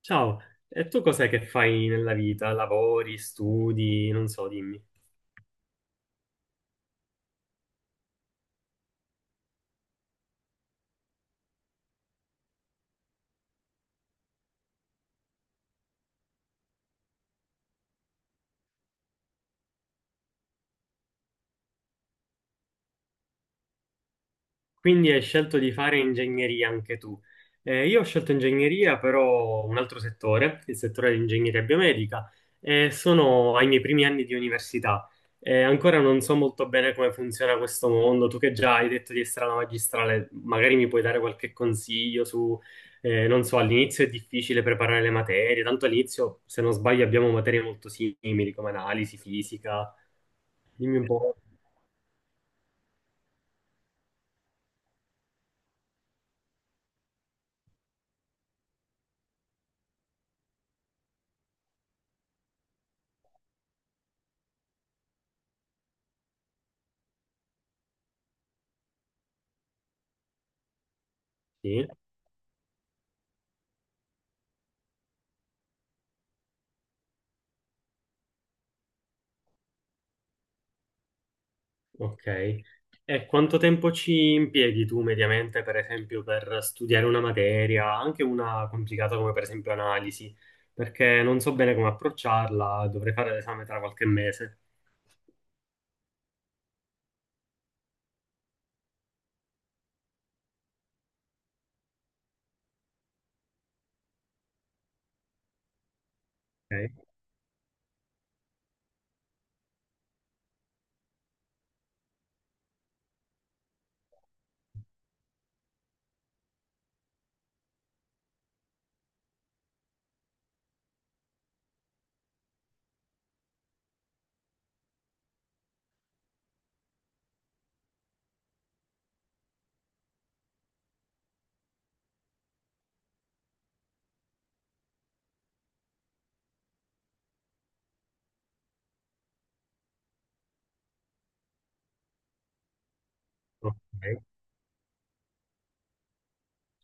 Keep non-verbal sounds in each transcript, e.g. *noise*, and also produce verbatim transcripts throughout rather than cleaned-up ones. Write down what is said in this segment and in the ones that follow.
Ciao, e tu cos'è che fai nella vita? Lavori, studi, non so, dimmi. Quindi hai scelto di fare ingegneria anche tu. Eh, io ho scelto ingegneria, però un altro settore, il settore di ingegneria biomedica, e sono ai miei primi anni di università. Eh, ancora non so molto bene come funziona questo mondo. Tu che già hai detto di essere alla magistrale, magari mi puoi dare qualche consiglio su, eh, non so, all'inizio è difficile preparare le materie, tanto all'inizio, se non sbaglio, abbiamo materie molto simili come analisi, fisica. Dimmi un po'. Sì. Ok. E quanto tempo ci impieghi tu mediamente, per esempio, per studiare una materia, anche una complicata come per esempio analisi? Perché non so bene come approcciarla, dovrei fare l'esame tra qualche mese. Ok. Ok.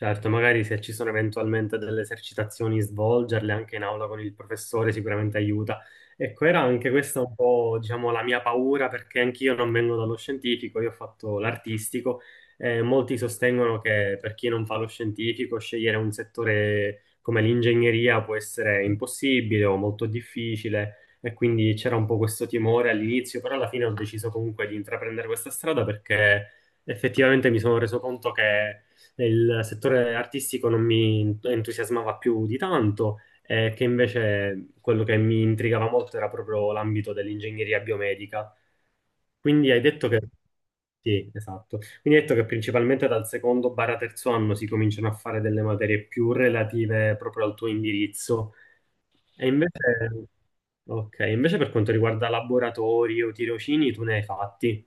Certo, magari se ci sono eventualmente delle esercitazioni, svolgerle anche in aula con il professore sicuramente aiuta. Ecco, era anche questa un po', diciamo, la mia paura perché anch'io non vengo dallo scientifico, io ho fatto l'artistico e molti sostengono che per chi non fa lo scientifico scegliere un settore come l'ingegneria può essere impossibile o molto difficile e quindi c'era un po' questo timore all'inizio, però alla fine ho deciso comunque di intraprendere questa strada perché effettivamente mi sono reso conto che il settore artistico non mi entusiasmava più di tanto, eh, che invece quello che mi intrigava molto era proprio l'ambito dell'ingegneria biomedica. Quindi hai detto che... Sì, esatto. Quindi hai detto che principalmente dal secondo barra terzo anno si cominciano a fare delle materie più relative proprio al tuo indirizzo. E invece... Ok, invece per quanto riguarda laboratori o tirocini, tu ne hai fatti.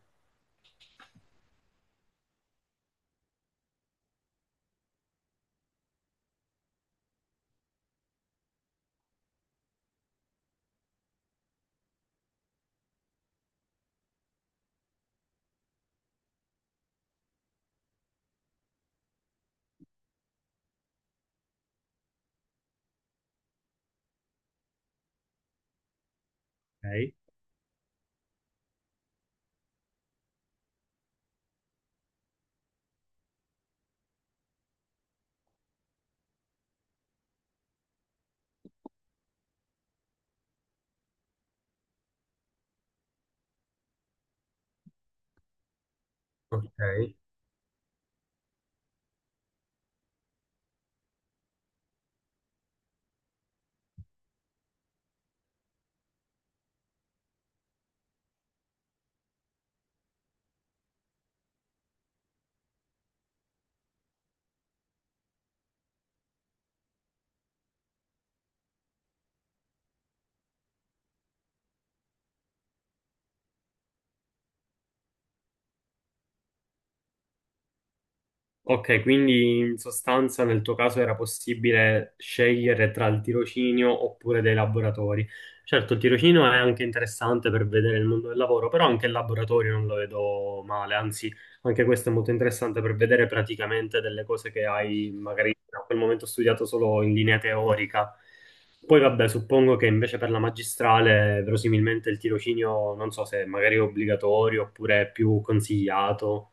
Ok. Ok. Ok, quindi in sostanza nel tuo caso era possibile scegliere tra il tirocinio oppure dei laboratori. Certo, il tirocinio è anche interessante per vedere il mondo del lavoro, però anche il laboratorio non lo vedo male, anzi, anche questo è molto interessante per vedere praticamente delle cose che hai magari a quel momento studiato solo in linea teorica. Poi vabbè, suppongo che invece per la magistrale verosimilmente il tirocinio non so se magari è obbligatorio oppure è più consigliato.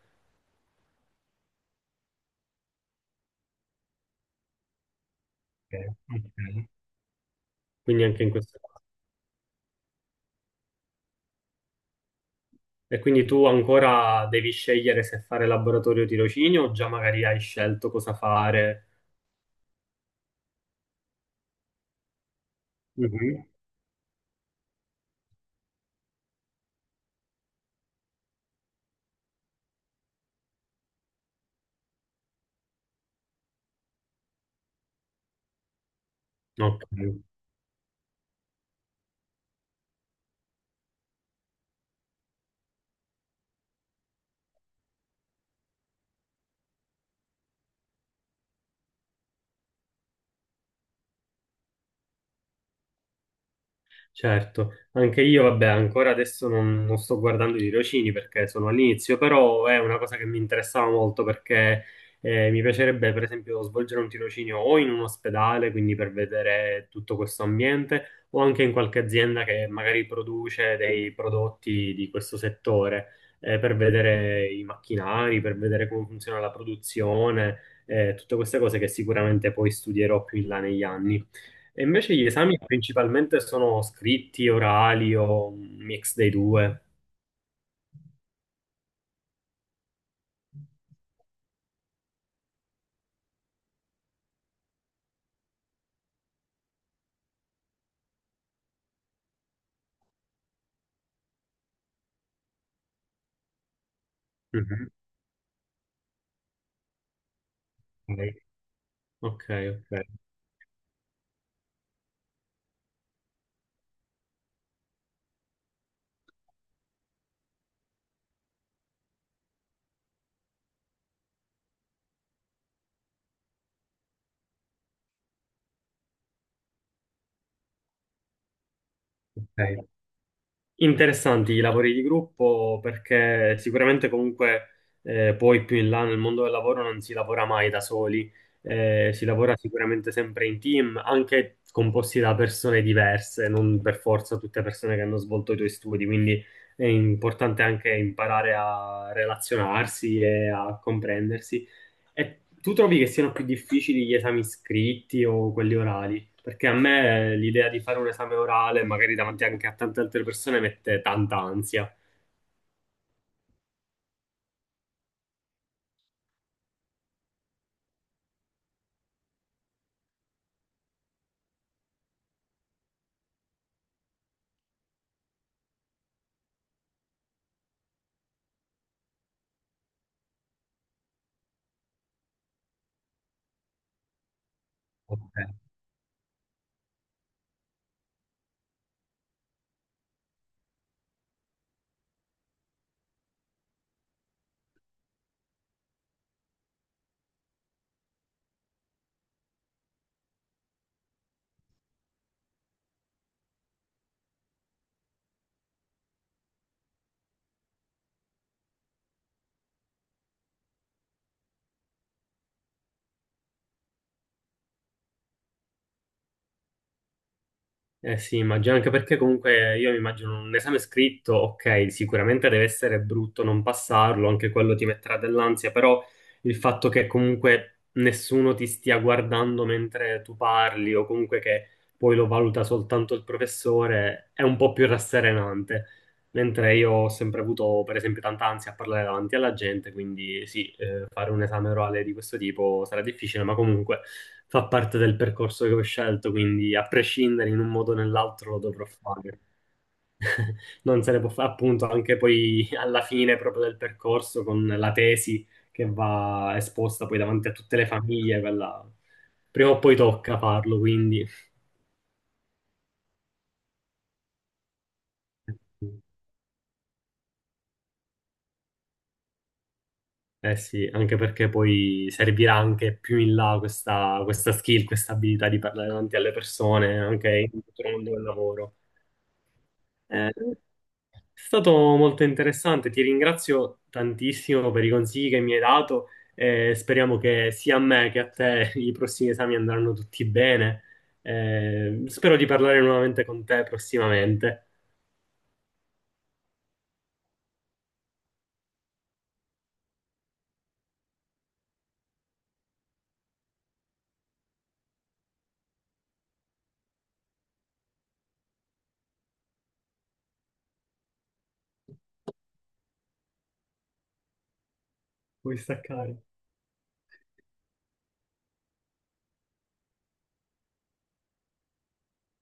Ok. Ok. Quindi anche in questo caso. E quindi tu ancora devi scegliere se fare laboratorio o tirocinio o già magari hai scelto cosa fare? Mhm. Ok. Certo, anche io, vabbè, ancora adesso non, non sto guardando i tirocini perché sono all'inizio, però è una cosa che mi interessava molto perché eh, mi piacerebbe, per esempio, svolgere un tirocinio o in un ospedale, quindi per vedere tutto questo ambiente, o anche in qualche azienda che magari produce dei prodotti di questo settore, eh, per vedere i macchinari, per vedere come funziona la produzione, eh, tutte queste cose che sicuramente poi studierò più in là negli anni. E invece gli esami principalmente sono scritti, orali o un mix dei due. Mhm. Ok, ok, ok. Interessanti i lavori di gruppo perché sicuramente comunque eh, poi più in là nel mondo del lavoro non si lavora mai da soli, eh, si lavora sicuramente sempre in team, anche composti da persone diverse, non per forza tutte persone che hanno svolto i tuoi studi, quindi è importante anche imparare a relazionarsi e a comprendersi. E tu trovi che siano più difficili gli esami scritti o quelli orali? Perché a me l'idea di fare un esame orale, magari davanti anche a tante altre persone, mette tanta ansia. Ok. Eh sì, immagino anche perché comunque io mi immagino un esame scritto, ok, sicuramente deve essere brutto non passarlo, anche quello ti metterà dell'ansia, però il fatto che comunque nessuno ti stia guardando mentre tu parli o comunque che poi lo valuta soltanto il professore è un po' più rasserenante. Mentre io ho sempre avuto, per esempio, tanta ansia a parlare davanti alla gente, quindi sì, eh, fare un esame orale di questo tipo sarà difficile, ma comunque fa parte del percorso che ho scelto, quindi a prescindere in un modo o nell'altro lo dovrò fare. *laughs* Non se ne può fare, appunto, anche poi alla fine proprio del percorso con la tesi che va esposta poi davanti a tutte le famiglie, quella prima o poi tocca farlo, quindi. Eh sì, anche perché poi servirà anche più in là questa, questa skill, questa abilità di parlare davanti alle persone, anche in tutto il mondo del lavoro. Eh, è stato molto interessante, ti ringrazio tantissimo per i consigli che mi hai dato e speriamo che sia a me che a te *laughs* i prossimi esami andranno tutti bene. Eh, spero di parlare nuovamente con te prossimamente. Puoi staccare.